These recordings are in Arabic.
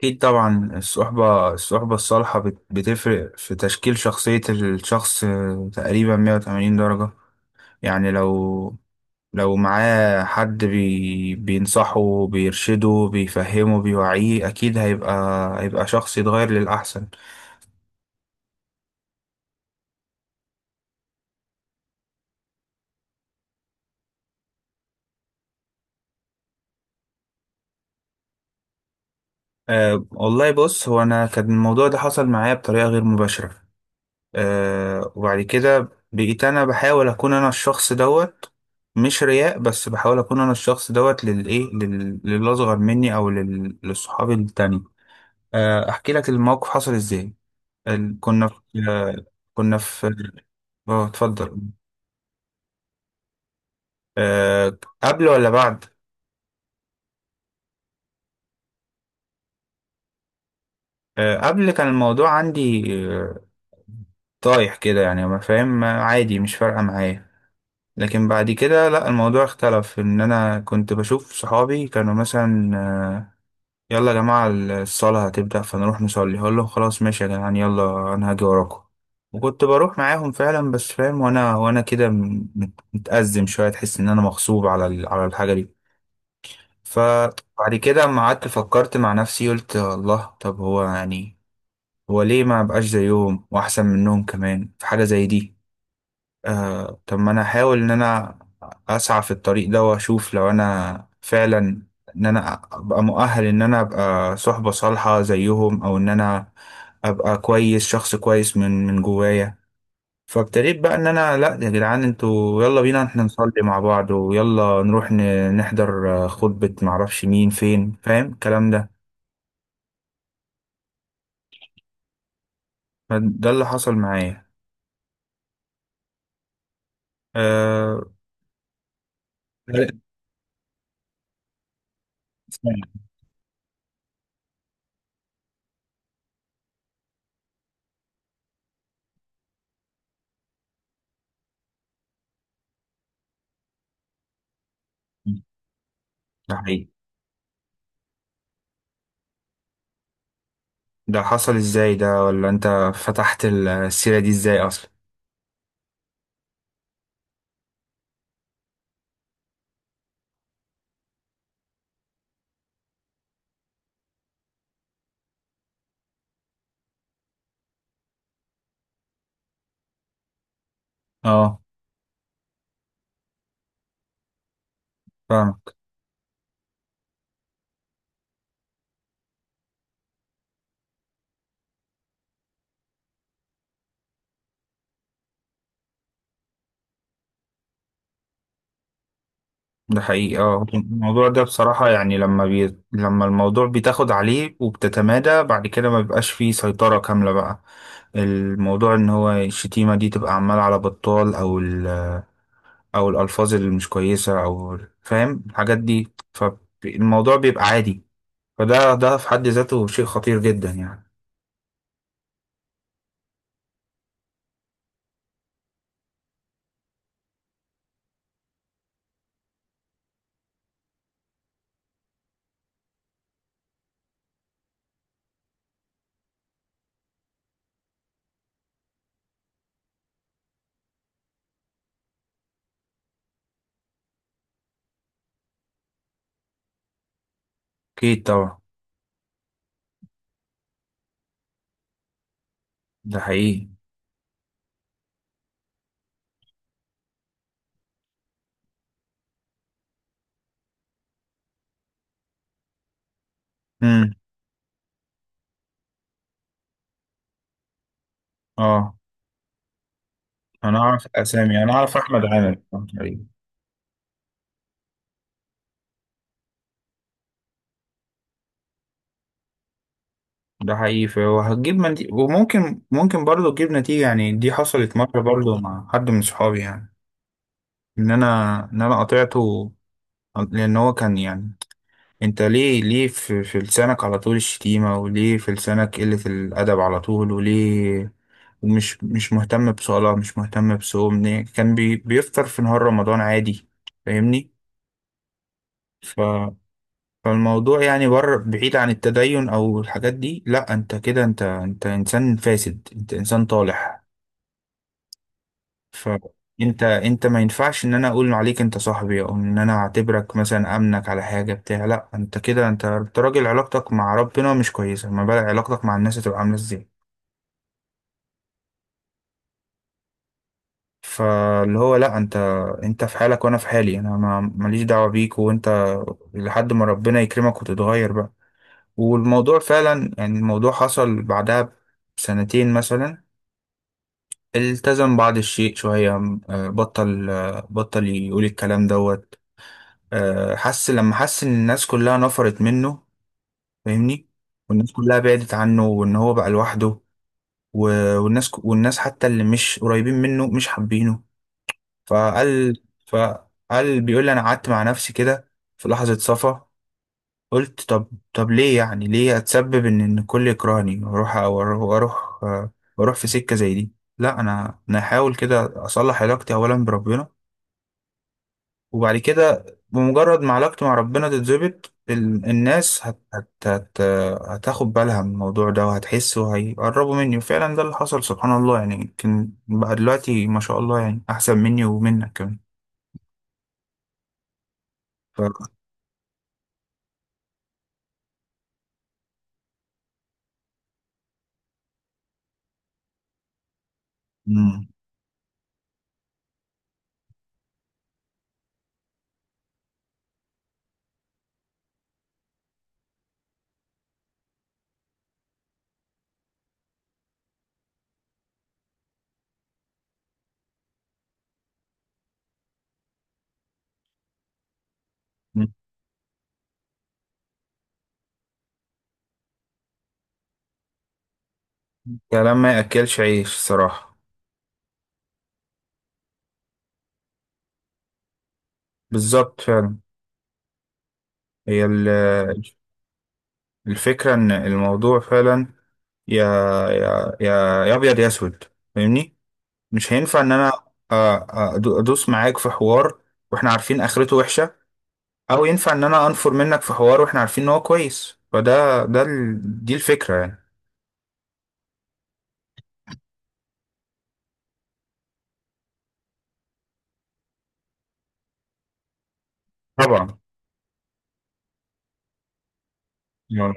أكيد طبعا الصحبة الصالحة بتفرق في تشكيل شخصية الشخص، تقريبا 180 درجة. يعني لو معاه حد بينصحه بيرشده بيفهمه بيوعيه، أكيد هيبقى شخص يتغير للأحسن. والله بص، هو أنا كان الموضوع ده حصل معايا بطريقة غير مباشرة. وبعد كده بقيت انا بحاول اكون انا الشخص دوت، مش رياء، بس بحاول اكون انا الشخص دوت للاصغر مني او لصحابي التاني. احكي لك الموقف حصل ازاي. كنا في... آه كنا في... اه، اتفضل. آه، قبل ولا بعد؟ آه، قبل كان الموضوع عندي، آه، طايح كده، يعني ما فاهم، عادي، مش فارقه معايا. لكن بعد كده لا، الموضوع اختلف، ان انا كنت بشوف صحابي كانوا مثلا يلا يا جماعة الصلاة هتبدأ فنروح نصلي، هقول لهم خلاص ماشي يا جدعان يلا أنا هاجي وراكم. وكنت بروح معاهم فعلا، بس فاهم، وأنا كده متأزم شوية، تحس إن أنا مغصوب على الحاجة دي. فبعد كده أما قعدت فكرت مع نفسي قلت الله، طب هو يعني هو ليه ما بقاش زيهم وأحسن منهم كمان في حاجة زي دي؟ طب ما انا احاول ان انا اسعى في الطريق ده واشوف لو انا فعلا ان انا ابقى مؤهل ان انا ابقى صحبة صالحة زيهم، او ان انا ابقى كويس، شخص كويس من جوايا. فابتديت بقى ان انا لا يا جدعان انتوا يلا بينا احنا نصلي مع بعض، ويلا نروح نحضر خطبة، معرفش مين فين، فاهم الكلام ده. فده اللي حصل معايا. أه... ده ده حقيقي. ده حصل ازاي، ده ولا انت فتحت السيرة دي ازاي اصلا؟ اه، فاهمك. ده حقيقي، اه. الموضوع ده بصراحة يعني لما الموضوع بتاخد عليه وبتتمادى بعد كده ما بيبقاش فيه سيطرة كاملة بقى. الموضوع ان هو الشتيمة دي تبقى عمالة على بطال، او او الالفاظ اللي مش كويسة، او فاهم الحاجات دي، فالموضوع بيبقى عادي. فده في حد ذاته شيء خطير جدا يعني. اكيد طبعا. ده حقيقي. امم اه، انا اعرف اسامي، انا اعرف احمد عامر. أيوة. ده حقيقي، فهو هتجيب نتيجة، وممكن برضه تجيب نتيجة. يعني دي حصلت مرة برضه مع حد من صحابي، يعني ان انا، ان انا قطعته، لان هو كان يعني انت ليه في, لسانك على طول الشتيمة، وليه في لسانك قلة الادب على طول؟ وليه ومش مش مهتم بصلاة، مش مهتم بصوم، ليه؟ كان بيفطر في نهار رمضان عادي. فاهمني. فالموضوع يعني بره، بعيد عن التدين او الحاجات دي، لا انت كده، انت انسان فاسد، انت انسان طالح. فانت ما ينفعش ان انا اقول عليك انت صاحبي، او ان انا اعتبرك مثلا امنك على حاجه بتاع، لا انت كده، انت أنت راجل علاقتك مع ربنا مش كويسه، ما بالك علاقتك مع الناس هتبقى عامله ازاي؟ فاللي هو لا، انت انت في حالك وانا في حالي، انا ما ماليش دعوه بيك، وانت لحد ما ربنا يكرمك وتتغير بقى. والموضوع فعلا يعني الموضوع حصل بعدها بسنتين مثلا، التزم بعض الشيء شوية، بطل، بطل يقول الكلام دوت، حس لما حس إن الناس كلها نفرت منه. فاهمني. والناس كلها بعدت عنه، وإن هو بقى لوحده، والناس حتى اللي مش قريبين منه مش حابينه. فقال فقال بيقول لي أنا قعدت مع نفسي كده في لحظة صفا قلت طب، ليه يعني ليه اتسبب ان الكل يكرهني، واروح واروح واروح واروح في سكه زي دي؟ لا انا، انا هحاول كده اصلح علاقتي اولا بربنا. وبعد كده بمجرد ما علاقتي مع ربنا تتظبط الناس هت هت هت هتاخد بالها من الموضوع ده، وهتحس وهيقربوا مني. وفعلا ده اللي حصل، سبحان الله. يعني يمكن بقى دلوقتي ما شاء الله يعني احسن مني ومنك كمان. ف... مم. كلام ما ياكلش عيش صراحه. بالظبط فعلا. هي الفكرة إن الموضوع فعلا، يا يا أبيض يا أسود. فاهمني. مش هينفع إن أنا أدوس معاك في حوار وإحنا عارفين آخرته وحشة، أو ينفع إن أنا أنفر منك في حوار وإحنا عارفين إن هو كويس. فده دي الفكرة يعني. طبعا، يعني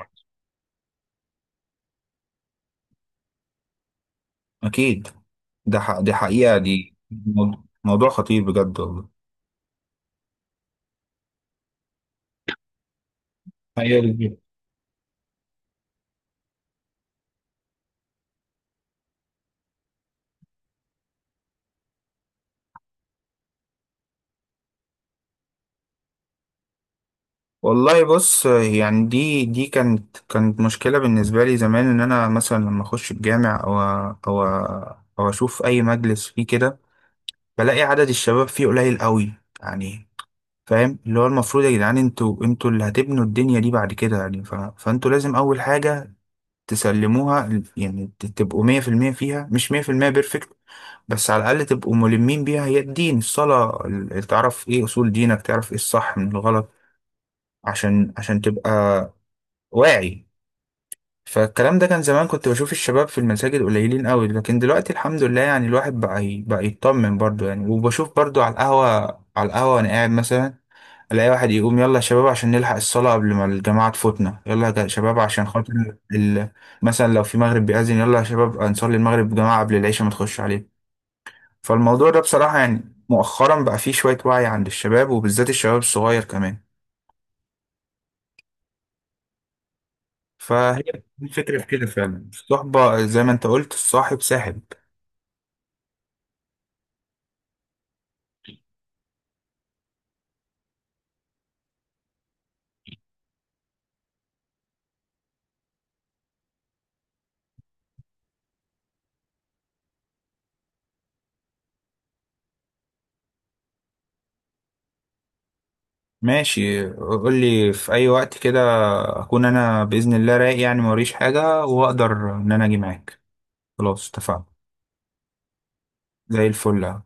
أكيد. دي حقيقة، دي موضوع خطير بجد والله. أيوة. والله بص يعني دي كانت مشكلة بالنسبة لي زمان، إن أنا مثلا لما أخش الجامع أو أو أشوف أي مجلس فيه كده بلاقي عدد الشباب فيه قليل قوي، يعني فاهم، اللي هو المفروض يا جدعان انتوا اللي هتبنوا الدنيا دي بعد كده يعني. فانتوا لازم أول حاجة تسلموها، يعني تبقوا مية في المية فيها، مش مية في المية بيرفكت، بس على الأقل تبقوا ملمين بيها، هي الدين، الصلاة، تعرف إيه أصول دينك، تعرف إيه الصح من الغلط، عشان تبقى واعي. فالكلام ده كان زمان كنت بشوف الشباب في المساجد قليلين قوي، لكن دلوقتي الحمد لله يعني الواحد بقى بقى يطمن برضه يعني. وبشوف برضه على القهوة، على القهوة وانا قاعد مثلا الاقي واحد يقوم يلا يا شباب عشان نلحق الصلاة قبل ما الجماعة تفوتنا، يلا يا شباب عشان خاطر مثلا لو في مغرب بيأذن يلا يا شباب نصلي المغرب جماعة قبل العشاء ما تخش عليه. فالموضوع ده بصراحة يعني مؤخرا بقى فيه شوية وعي عند الشباب، وبالذات الشباب الصغير كمان. فهي الفكرة في كده فعلا، الصحبة زي ما انت قلت، الصاحب ساحب. ماشي، قول لي في اي وقت كده اكون انا باذن الله رايق يعني موريش حاجه واقدر ان انا اجي معاك. خلاص اتفقنا. زي الفل.